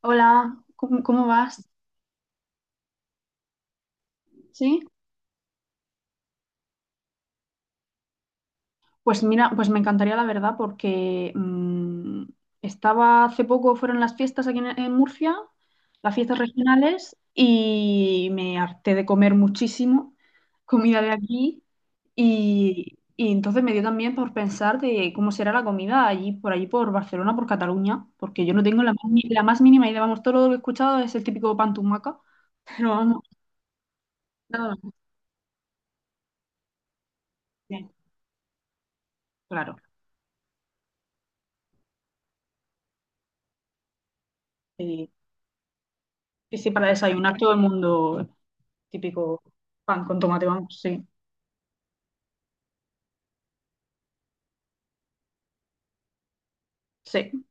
Hola, ¿cómo vas? ¿Sí? Pues mira, pues me encantaría la verdad porque estaba hace poco, fueron las fiestas aquí en Murcia, las fiestas regionales, y me harté de comer muchísimo comida de aquí y entonces me dio también por pensar de cómo será la comida allí, por allí, por Barcelona, por Cataluña, porque yo no tengo la, más ni- la más mínima idea, vamos, todo lo que he escuchado es el típico pan tumaca, pero vamos, nada más. Bien, claro. eh, Sí, sí, para desayunar todo el mundo, típico pan con tomate, vamos, sí, sí,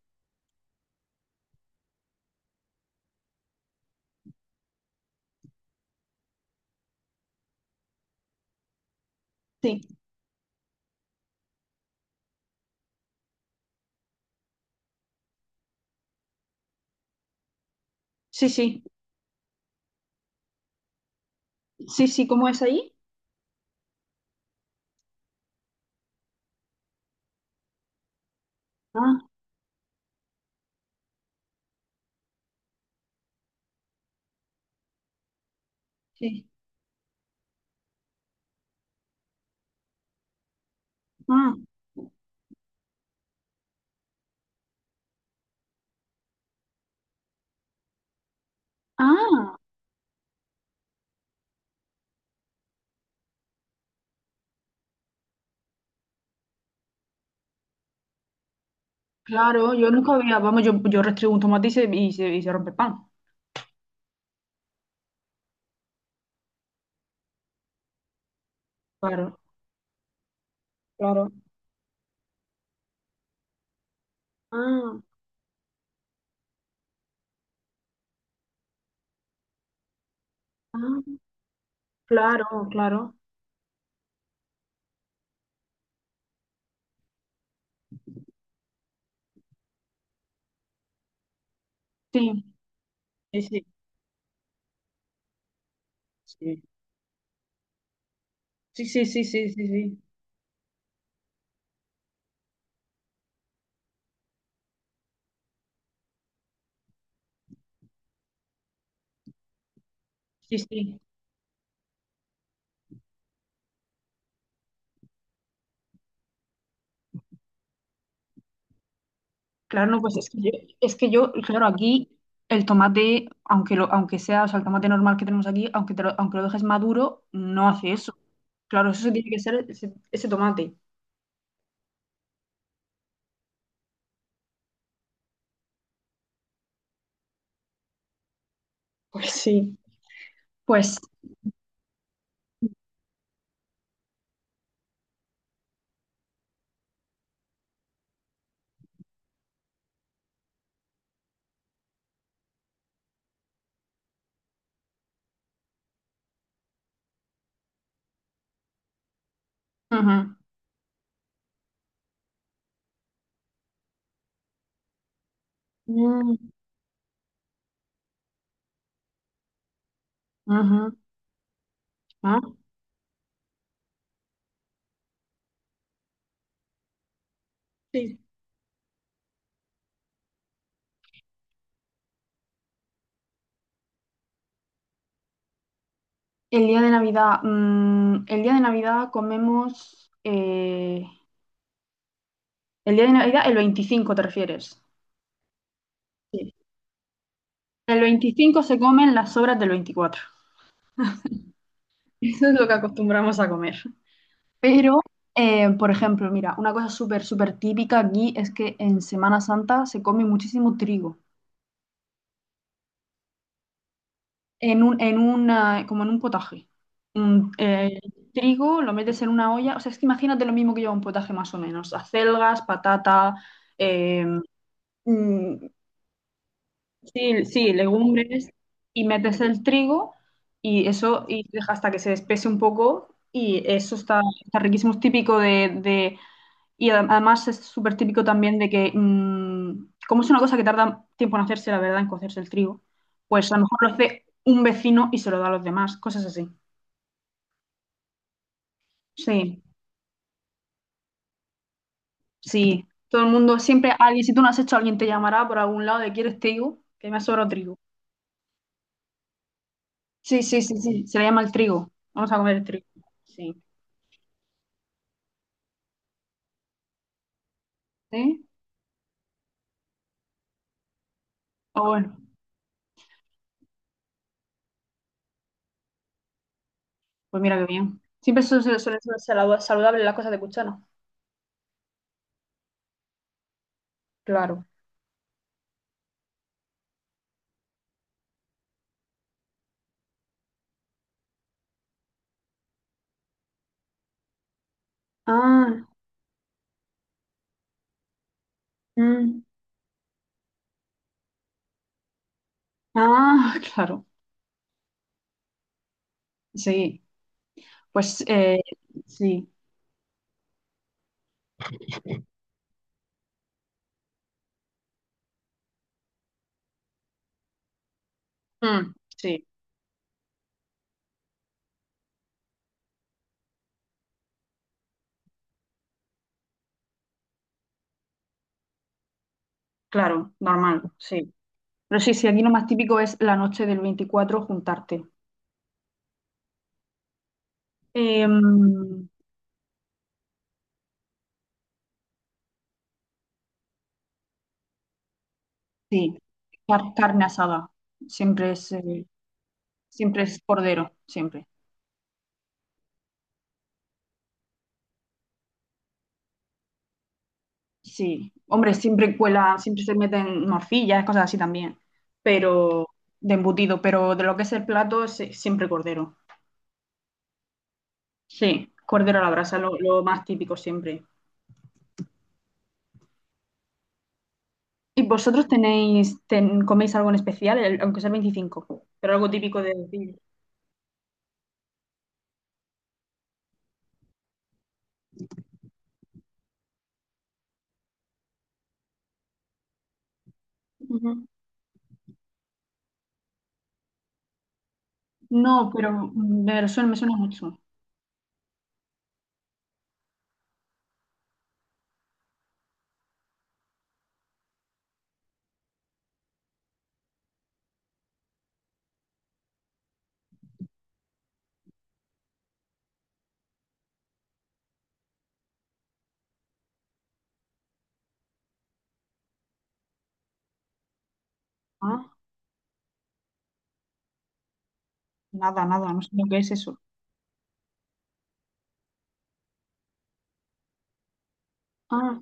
sí, sí, sí, sí, sí. ¿Cómo es ahí? Ah, sí, ah, ah, claro, yo nunca había, vamos, yo restriego un tomate y se rompe el pan, claro, claro, ah, ah, claro, claro, sí, sí, sí, sí, sí, sí, sí, sí, sí, sí, sí. Claro, no, pues es que yo, claro, aquí el tomate, aunque sea, o sea, el tomate normal que tenemos aquí, aunque lo dejes maduro, no hace eso. Claro, eso sí tiene que ser ese tomate. Pues sí. Pues, ujú. Mm, ujú. Ah, sí. El día de Navidad, el día de Navidad comemos, el día de Navidad, el 25, ¿te refieres? Sí. El 25 se comen las sobras del 24. Eso es lo que acostumbramos a comer. Pero, por ejemplo, mira, una cosa súper, súper típica aquí es que en Semana Santa se come muchísimo trigo, en una, como en un potaje. Un, eh, trigo lo metes en una olla, o sea, es que imagínate lo mismo que lleva un potaje más o menos, acelgas, patata, eh, mm, sí, sí, legumbres, y metes el trigo y eso y deja hasta que se espese un poco y eso está riquísimo, es típico de. Y además es súper típico también de que, como es una cosa que tarda tiempo en hacerse, la verdad, en cocerse el trigo, pues a lo mejor lo hace un vecino y se lo da a los demás, cosas así. Sí, sí. Todo el mundo, siempre alguien, si tú no has hecho, alguien te llamará por algún lado de ¿quieres trigo? Que me ha sobrado trigo. Sí, sí, sí, sí. Se le llama el trigo. Vamos a comer el trigo. Sí. ¿Sí? O bueno, pues mira qué bien. Siempre suele ser saludable las cosas de cuchara. Claro. Ah, mm, ah, claro. Sí. Pues sí, Mm, sí, claro, normal, sí. Pero sí, sí, aquí lo más típico es la noche del 24 juntarte. Em, sí, carne asada, siempre es, eh, siempre es cordero, siempre. Sí, hombre, siempre cuela, siempre se meten morcillas, cosas así también, pero de embutido, pero de lo que es el plato, sí, siempre cordero. Sí, cordero a la brasa, lo más típico siempre. ¿Y vosotros coméis algo en especial, aunque sea el 25? Pero algo típico de Sevilla. Ujú. No, pero me suena mucho. Ah, nada, nada, no sé lo que es eso. Ah,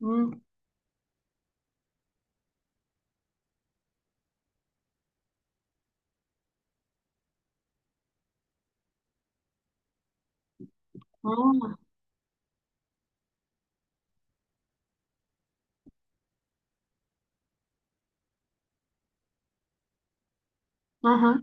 mm, ah, ajá,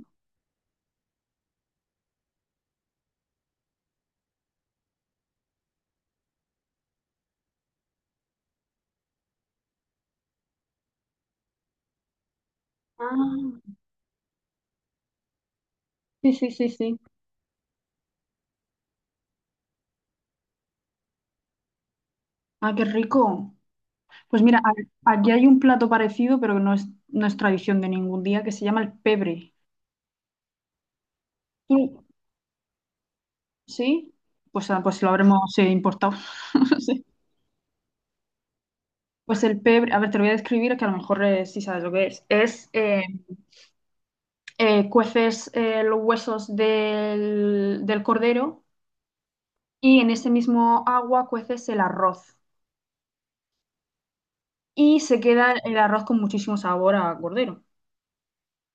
ah. Sí, sí, sí, sí. Ah, qué rico. Pues mira, aquí hay un plato parecido, pero que no es, no es tradición de ningún día, que se llama el pebre. ¿Tú- ¿Sí? Pues, ah, pues lo habremos importado. Pues el pebre, a ver, te lo voy a describir que a lo mejor sí sabes lo que es. Cueces los huesos del cordero y en ese mismo agua cueces el arroz. Y se queda el arroz con muchísimo sabor a cordero.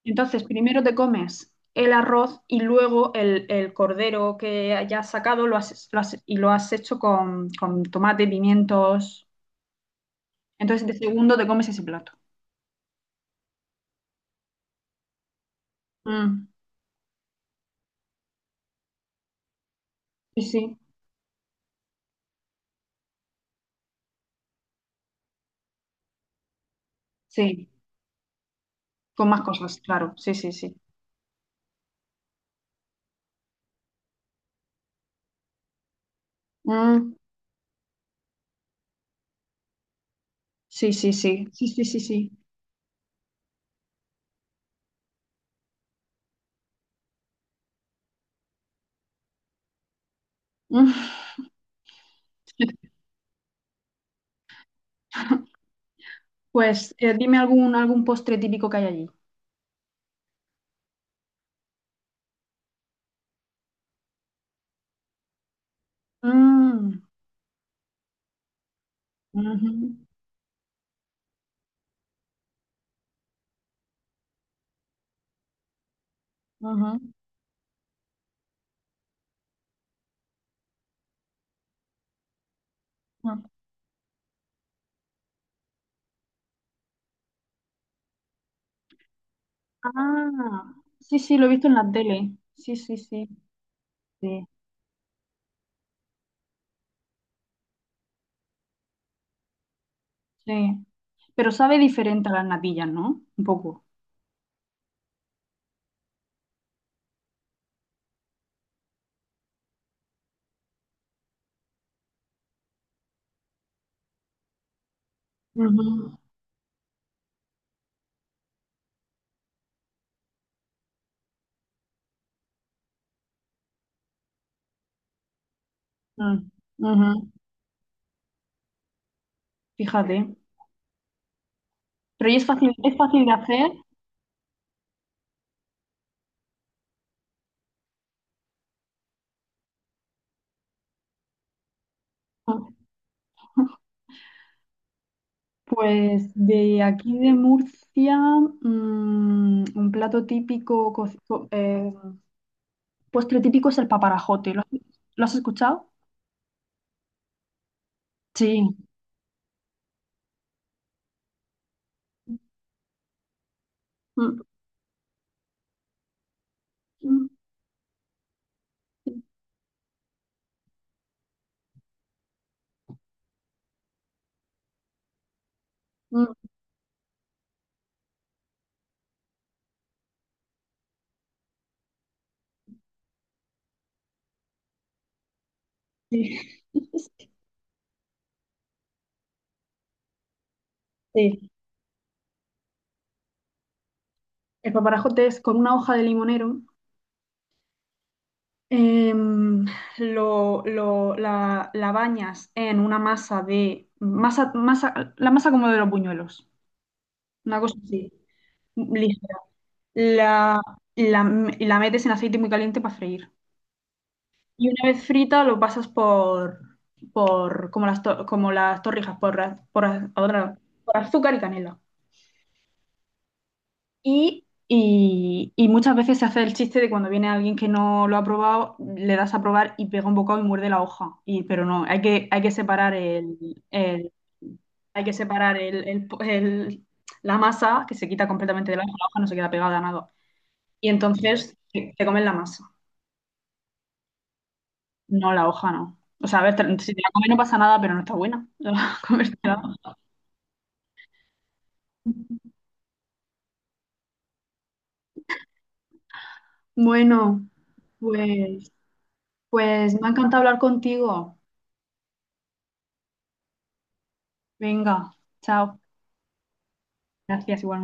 Entonces, primero te comes el arroz y luego el cordero que hayas sacado y lo has hecho con tomate, pimientos. Entonces, de segundo te comes ese plato. Mm, sí, sí, sí. Con más cosas, claro. Sí, sí, sí. Mm, sí, sí, sí, sí, sí, sí, sí. Mm. Pues dime algún postre típico que hay allí. Mm, ujú, ujú, ujú. Ah, sí, sí, lo he visto en la tele. Sí, sí, sí, sí, sí. Pero sabe diferente a las natillas, ¿no? Un poco. Ujú, mm, ujú. Fíjate. Pero ¿y es fácil de hacer? Pues de aquí de Murcia, un plato típico, postre típico es el paparajote. ¿Lo has escuchado? Sí, Mm, mm, mm, sí. Sí. El paparajote es con una hoja de limonero, em, la bañas en una masa de, masa, masa, la masa como de los buñuelos, una cosa así, ligera. La, la, la metes en aceite muy caliente para freír. Y una vez frita lo pasas por como como las torrijas, por azúcar y canela. Y muchas veces se hace el chiste de cuando viene alguien que no lo ha probado, le das a probar y pega un bocado y muerde la hoja. Y, pero no, hay que separar hay que separar el, el- el- la masa, que se quita completamente de la hoja no se queda pegada a nada. Y entonces te comen la masa, no la hoja, no. O sea, a ver, si te la comes no pasa nada, pero no está buena. Comértela. Bueno, pues, pues me ha encantado hablar contigo. Venga, chao. Gracias, igualmente.